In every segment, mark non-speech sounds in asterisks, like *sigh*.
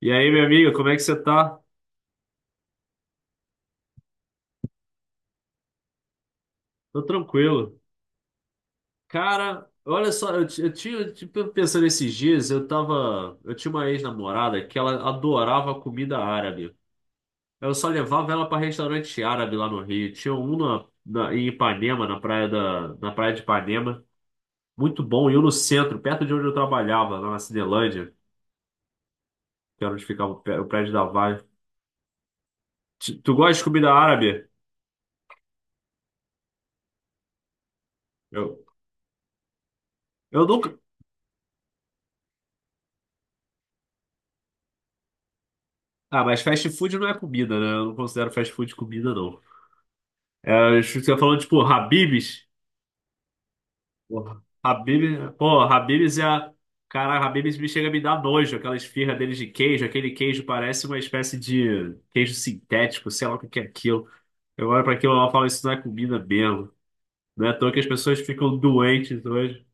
E aí, minha amiga, como é que você tá? Tô tranquilo. Cara, olha só, eu tinha, tipo, pensando esses dias, eu tinha uma ex-namorada que ela adorava comida árabe. Eu só levava ela pra restaurante árabe lá no Rio. Tinha um em Ipanema, na praia de Ipanema, muito bom, e um no centro, perto de onde eu trabalhava, lá na Cinelândia, que era onde ficava o prédio da Vale. Tu gosta de comida árabe? Eu, eu nunca. Ah, mas fast food não é comida, né? Eu não considero fast food comida, não. É, acho que você falou, tipo, Habib's. Porra, Habib, pô, Habib's é a. Cara, Habib's me chega a me dar nojo, aquela esfirra deles de queijo. Aquele queijo parece uma espécie de queijo sintético, sei lá o que que é aquilo. Eu olho pra aquilo e falo, isso não é comida mesmo. Não é à toa que as pessoas ficam doentes hoje.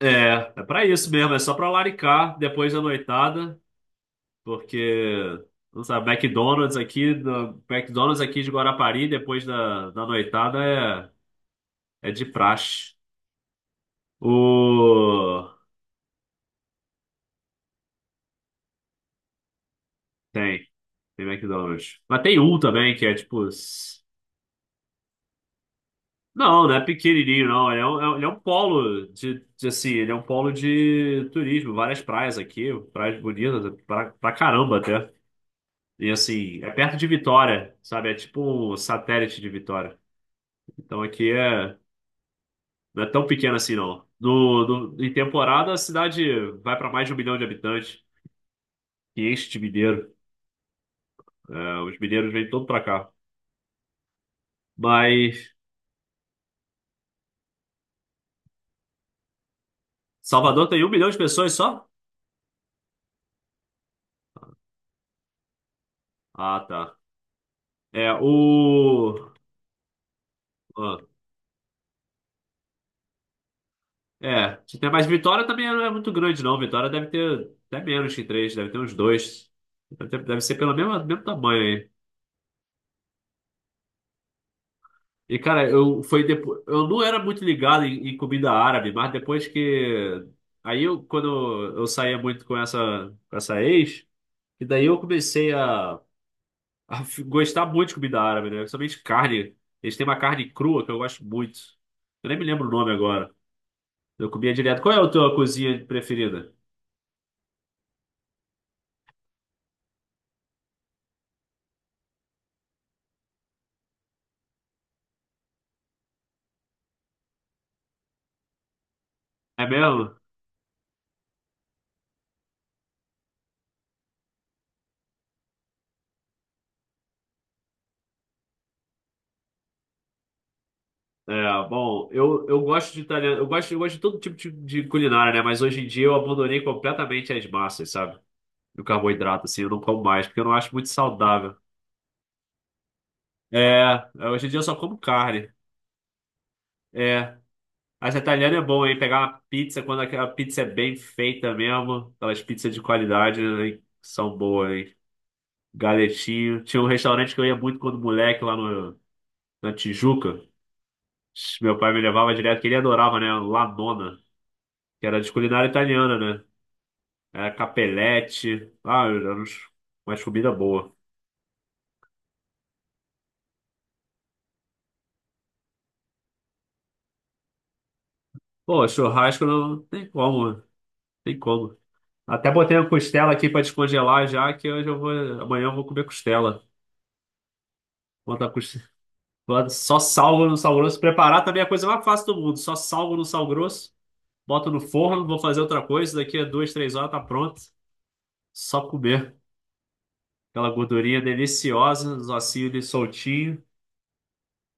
É, é pra isso mesmo, é só pra laricar depois da noitada, porque, não sabe, McDonald's aqui, McDonald's aqui de Guarapari, depois da noitada, é de praxe. O... Tem, tem McDonald's. Mas tem um também que é tipo. Não, não é pequenininho, não. Ele é um polo de turismo. Várias praias aqui, praias bonitas pra caramba até. E assim, é perto de Vitória, sabe? É tipo um satélite de Vitória. Então não é tão pequeno assim, não. Em temporada, a cidade vai pra mais de um milhão de habitantes, que enche de mineiro. É, os mineiros vêm todos pra cá. Mas Salvador tem um milhão de pessoas só? Ah, tá. É, o. ah, mas Vitória também não é muito grande, não. Vitória deve ter até menos que três, deve ter uns dois. Deve ser pelo mesmo, mesmo tamanho aí. E, cara, eu foi depois. Eu não era muito ligado em comida árabe, mas depois que. Quando eu saía muito com essa ex, e daí eu comecei a gostar muito de comida árabe, né? Principalmente carne. Eles têm uma carne crua que eu gosto muito. Eu nem me lembro o nome agora. Eu comia direto. Qual é a tua cozinha preferida? É mesmo? É, bom, eu gosto de italiano, eu gosto de todo tipo de culinária, né? Mas hoje em dia eu abandonei completamente as massas, sabe? O carboidrato, assim, eu não como mais, porque eu não acho muito saudável. Hoje em dia eu só como carne. É, as italianas é bom, hein? Pegar uma pizza quando aquela pizza é bem feita mesmo, aquelas pizzas de qualidade, né? São boas, hein? Galetinho. Tinha um restaurante que eu ia muito quando moleque lá no, na Tijuca. Meu pai me levava direto, que ele adorava, né? Lanona que era de culinária italiana, né? Era capelete. Ah, era umas comida boa. Pô, churrasco não tem como, tem como. Até botei uma costela aqui pra descongelar já, que amanhã eu vou comer costela. Bota a costela. Só salgo no sal grosso. Preparar também é a coisa mais fácil do mundo. Só salgo no sal grosso, boto no forno, vou fazer outra coisa. Daqui a duas, três horas tá pronto. Só comer. Aquela gordurinha deliciosa, os ossinhos ali soltinhos.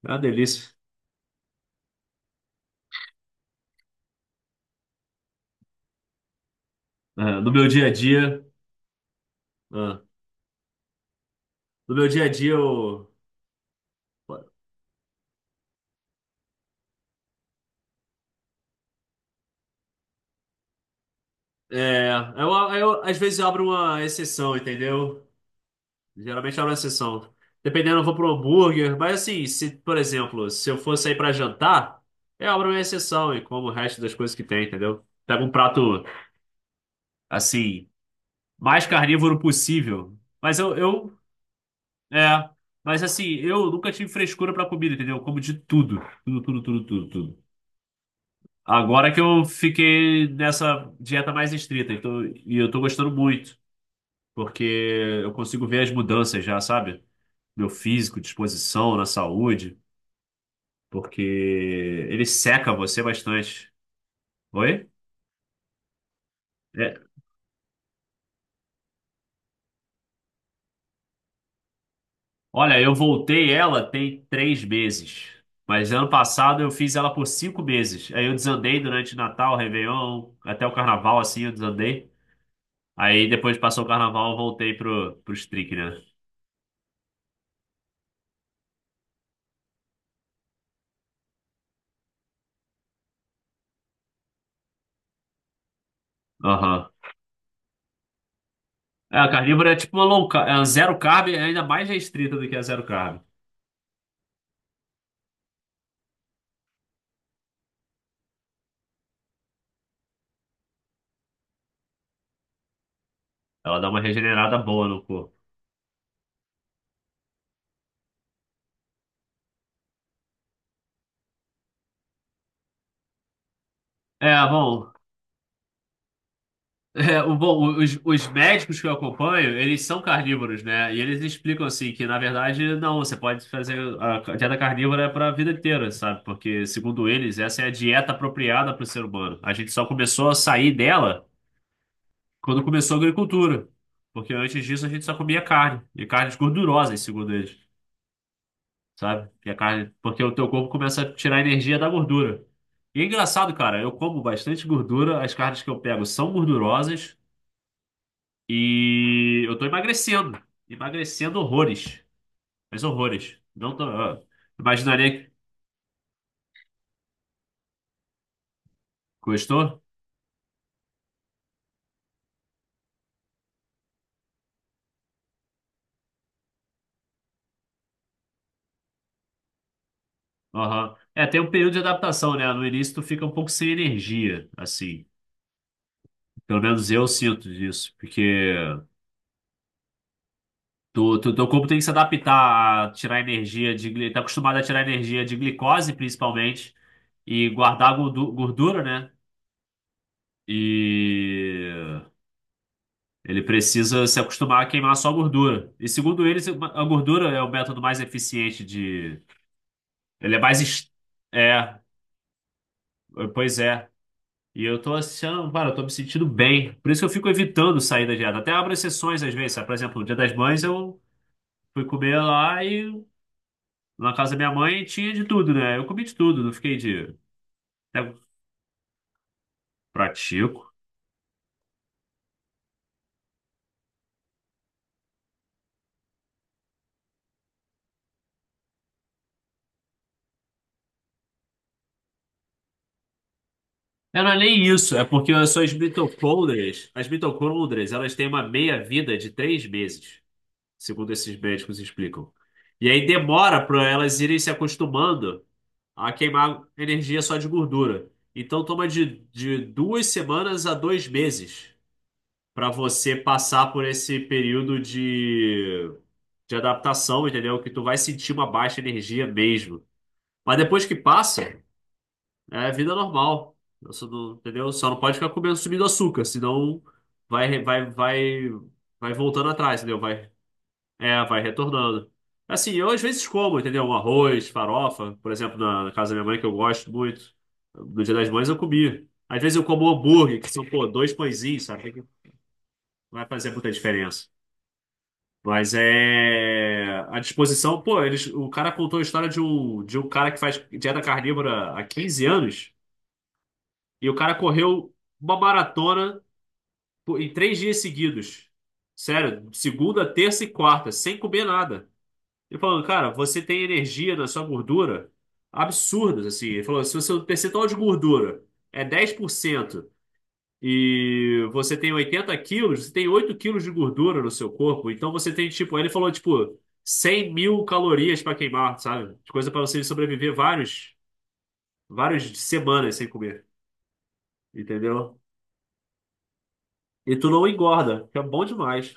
Ah, delícia. É, no meu dia a dia. ah, no meu dia a dia, eu. É, eu, às vezes eu abro uma exceção, entendeu? Geralmente eu abro uma exceção. Dependendo, eu vou pro hambúrguer. Mas assim, se, por exemplo, se eu for sair pra jantar, eu abro uma exceção e como o resto das coisas que tem, entendeu? Pego um prato, assim, mais carnívoro possível. Mas é. Mas assim, eu nunca tive frescura pra comida, entendeu? Eu como de tudo. Tudo, tudo, tudo, tudo, tudo. Agora que eu fiquei nessa dieta mais estrita, então, e eu tô gostando muito, porque eu consigo ver as mudanças já, sabe? Meu físico, disposição, na saúde, porque ele seca você bastante. Oi? É. Olha, eu voltei ela tem 3 meses, mas ano passado eu fiz ela por 5 meses. Aí eu desandei durante Natal, Réveillon, até o Carnaval, assim, eu desandei. Aí depois passou o Carnaval, eu voltei pro strict né? Aham. É, a carnívora é tipo uma low carb, é uma zero carb, é ainda mais restrita do que a zero carb. Ela dá uma regenerada boa no corpo. É, bom, *laughs* bom, os médicos que eu acompanho, eles são carnívoros, né? E eles explicam assim que, na verdade, não, você pode fazer a dieta carnívora para a vida inteira, sabe? Porque, segundo eles, essa é a dieta apropriada para o ser humano. A gente só começou a sair dela quando começou a agricultura. Porque antes disso a gente só comia carne, e carnes gordurosas, segundo eles. Sabe? Que a carne, porque o teu corpo começa a tirar energia da gordura. E é engraçado, cara, eu como bastante gordura, as carnes que eu pego são gordurosas e eu tô emagrecendo, emagrecendo horrores, mas horrores. Não tô, imaginaria que gostou? Aham. É, tem um período de adaptação, né? No início tu fica um pouco sem energia, assim. Pelo menos eu sinto isso, porque teu corpo tem que se adaptar a tirar energia de. Tá acostumado a tirar energia de glicose, principalmente. E guardar gordura, né? E ele precisa se acostumar a queimar só gordura. E segundo ele, a gordura é o método mais eficiente de. Ele é mais. É, pois é. E eu tô achando, cara, eu tô me sentindo bem. Por isso que eu fico evitando sair da dieta. Até abro exceções às vezes, sabe? Por exemplo, no Dia das Mães eu fui comer lá e na casa da minha mãe tinha de tudo, né? Eu comi de tudo, não fiquei de. Até pratico. É não é nem isso, é porque as mitocôndrias, elas têm uma meia-vida de 3 meses, segundo esses médicos explicam. E aí demora para elas irem se acostumando a queimar energia só de gordura. Então toma de 2 semanas a 2 meses para você passar por esse período de adaptação, entendeu? Que tu vai sentir uma baixa energia mesmo. Mas depois que passa, é vida normal. Eu só não- Entendeu? Só não pode ficar comendo subindo açúcar, senão vai, vai, vai, vai voltando atrás, entendeu? É, vai retornando. Assim, eu às vezes como, entendeu? Um arroz, farofa, por exemplo, na casa da minha mãe, que eu gosto muito. No Dia das Mães eu comi. Às vezes eu como hambúrguer, que são, pô, dois pãezinhos, sabe? Que não vai fazer muita diferença. Mas é. A disposição, pô, eles, o cara contou a história de um cara que faz dieta carnívora há 15 anos. E o cara correu uma maratona em 3 dias seguidos. Sério, segunda, terça e quarta, sem comer nada. Ele falou, cara, você tem energia na sua gordura absurdas, assim. Ele falou, se você, o percentual de gordura é 10% e você tem 80 quilos, você tem 8 quilos de gordura no seu corpo. Então você tem, tipo, ele falou, tipo, 100 mil calorias para queimar, sabe? Coisa para você sobreviver várias semanas sem comer, entendeu? E tu não engorda, que é bom demais.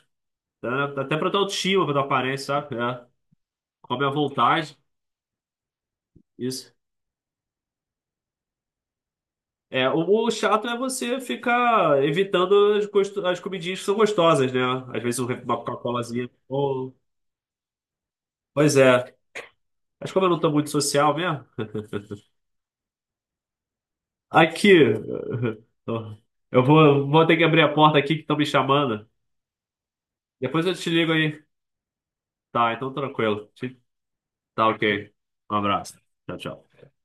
Tá? Até pra tua autoestima, pra tua aparência, sabe? É. Come à vontade. Isso. É, o, o chato é você ficar evitando as comidinhas que são gostosas, né? Às vezes uma Coca-Colazinha. Ou... Pois é. Mas como eu não tô muito social mesmo. *laughs* Aqui. Eu vou ter que abrir a porta aqui que estão me chamando. Depois eu te ligo aí. Tá, então tranquilo. Tá ok. Um abraço. Tchau, tchau.